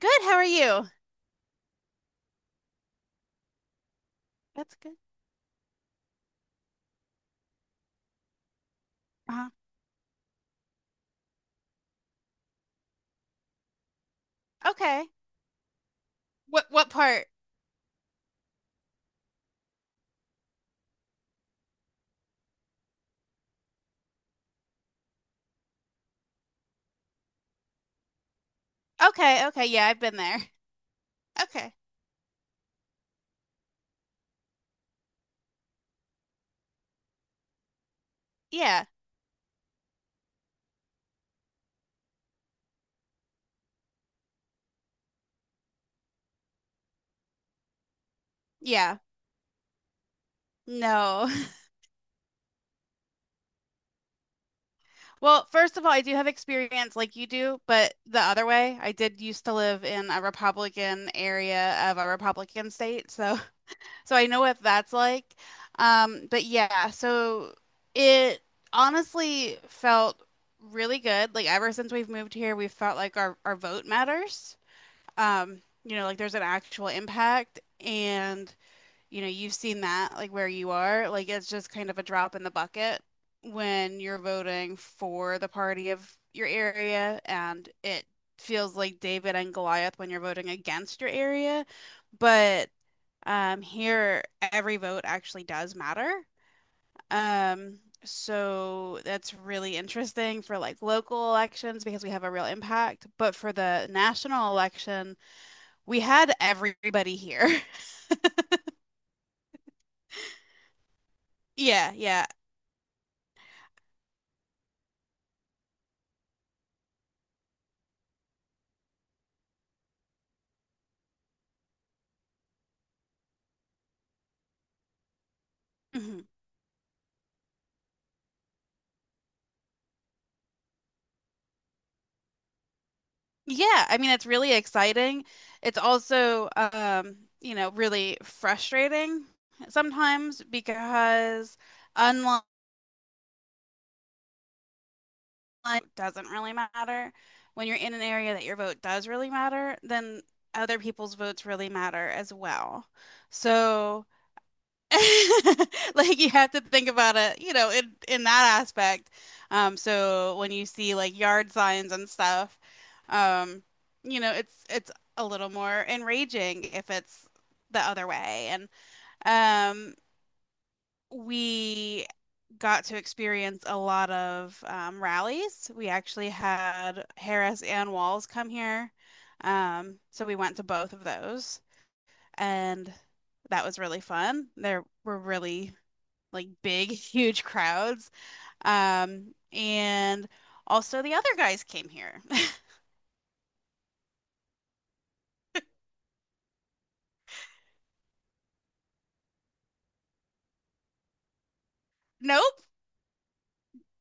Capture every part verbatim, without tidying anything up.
Good, how are you? That's good. Uh-huh. Okay. What what part? Okay, okay, yeah, I've been there. Okay. Yeah. Yeah. No. Well, first of all, I do have experience like you do, but the other way, I did used to live in a Republican area of a Republican state, so so I know what that's like. Um, but yeah, so it honestly felt really good. Like ever since we've moved here, we've felt like our our vote matters. Um, you know, like there's an actual impact, and you know, you've seen that like where you are, like it's just kind of a drop in the bucket when you're voting for the party of your area, and it feels like David and Goliath when you're voting against your area. But um here every vote actually does matter. Um So that's really interesting for like local elections because we have a real impact. But for the national election, we had everybody here. Yeah, yeah. Hmm. Yeah, I mean it's really exciting. It's also um, you know, really frustrating sometimes because unlike it doesn't really matter. When you're in an area that your vote does really matter, then other people's votes really matter as well. So like you have to think about it, you know, in in that aspect. Um, so when you see like yard signs and stuff, um, you know, it's it's a little more enraging if it's the other way. And um, we got to experience a lot of um, rallies. We actually had Harris and Walls come here, um, so we went to both of those, and that was really fun. There were really like big, huge crowds. Um, and also the other guys came here. Nope.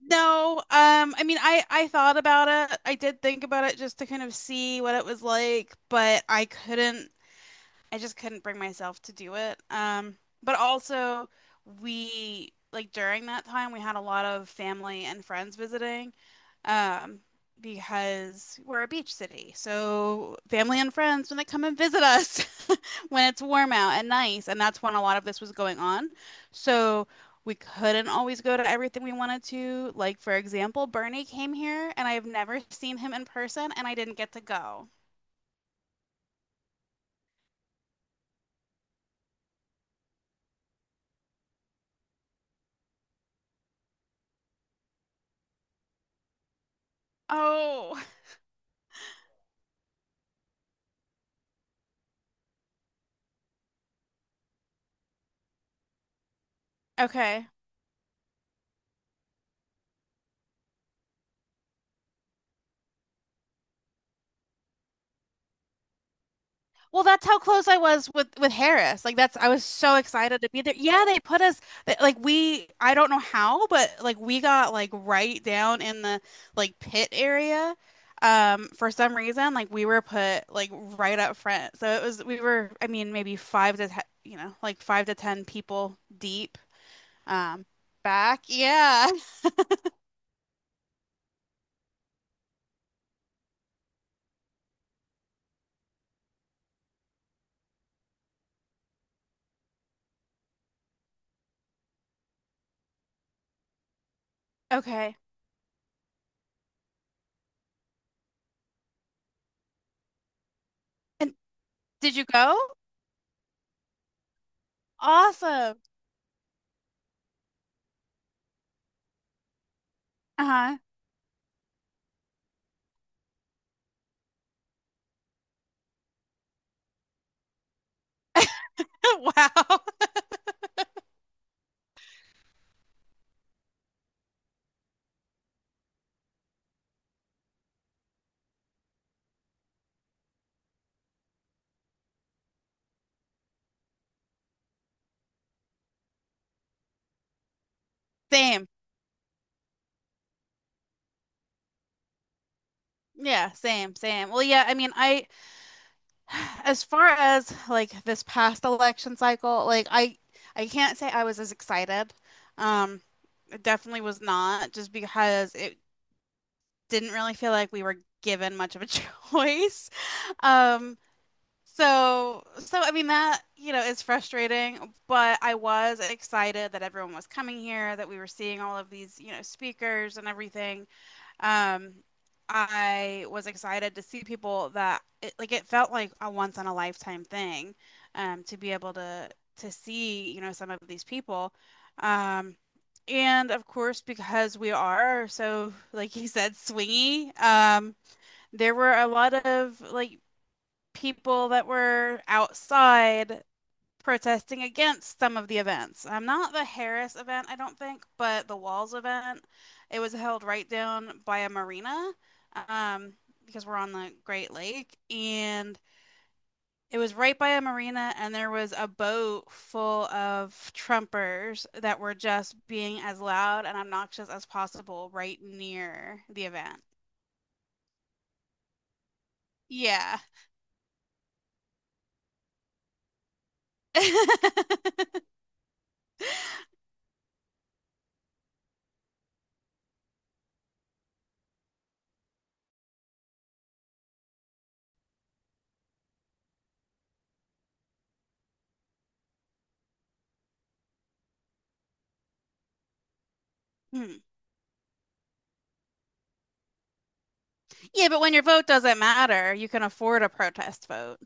No. Um, I mean, I I thought about it. I did think about it just to kind of see what it was like, but I couldn't. I just couldn't bring myself to do it. Um, but also, we like during that time we had a lot of family and friends visiting, um, because we're a beach city. So family and friends when they come and visit us when it's warm out and nice, and that's when a lot of this was going on. So we couldn't always go to everything we wanted to. Like for example, Bernie came here, and I have never seen him in person, and I didn't get to go. Oh, okay. Well, that's how close I was with with Harris. Like that's I was so excited to be there. Yeah, they put us they- like we I don't know how, but like we got like right down in the like pit area. Um, for some reason, like we were put like right up front. So it was we were I mean maybe five to ten, you know, like five to ten people deep. Um, Back. Yeah. Okay. And did you go? Awesome. Uh-huh. Wow. Same. Yeah, same, same. Well, yeah, I mean, I as far as like this past election cycle, like I I can't say I was as excited. Um, it definitely was not just because it didn't really feel like we were given much of a choice. Um, so so I mean that, you know, is frustrating, but I was excited that everyone was coming here, that we were seeing all of these, you know, speakers and everything. Um, I was excited to see people that it, like it felt like a once in a lifetime thing, um, to be able to to see, you know, some of these people. Um, and of course, because we are so, like he said, swingy, um, there were a lot of like people that were outside protesting against some of the events. Um, not the Harris event, I don't think, but the Walls event. It was held right down by a marina, um, because we're on the Great Lake, and it was right by a marina, and there was a boat full of Trumpers that were just being as loud and obnoxious as possible right near the event. Yeah. Hmm. Yeah, but when your vote doesn't matter, you can afford a protest vote.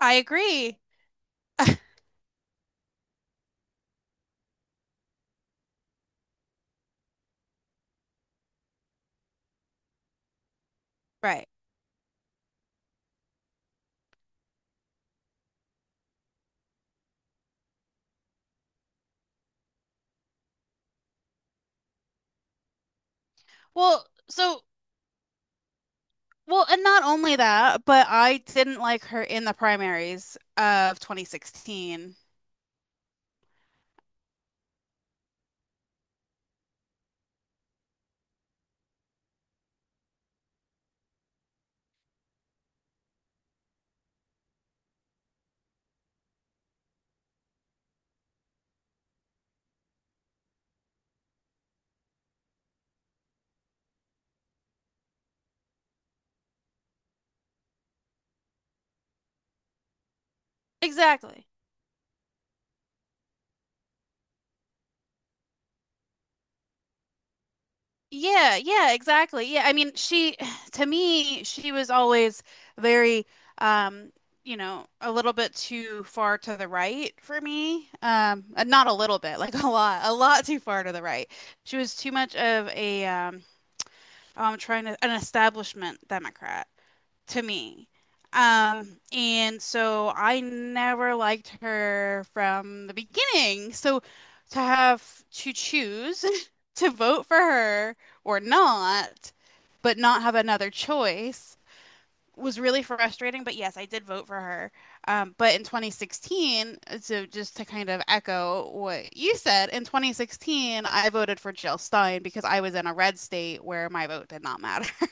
I agree. Right. Well, so well, and not only that, but I didn't like her in the primaries of twenty sixteen. Exactly. Yeah, yeah, exactly. Yeah, I mean, she to me, she was always very um, you know, a little bit too far to the right for me. Um, uh, not a little bit, like a lot, a lot too far to the right. She was too much of a um, I'm trying to an establishment Democrat. To me. Um, and so I never liked her from the beginning. So to have to choose to vote for her or not, but not have another choice was really frustrating. But yes, I did vote for her. Um, but in twenty sixteen, so just to kind of echo what you said, in twenty sixteen, I voted for Jill Stein because I was in a red state where my vote did not matter.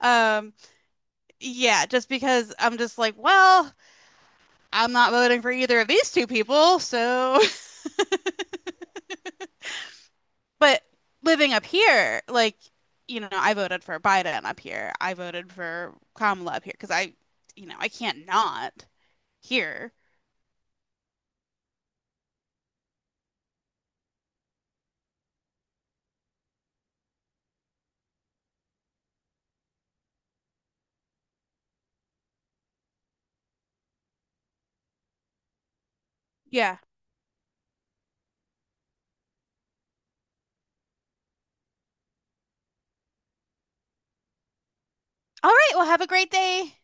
Um, yeah, just because I'm just like, well, I'm not voting for either of these two people, so. But living up here, like, you know, I voted for Biden up here. I voted for Kamala up here because I, you know, I can't not here. Yeah. All right. Well, have a great day.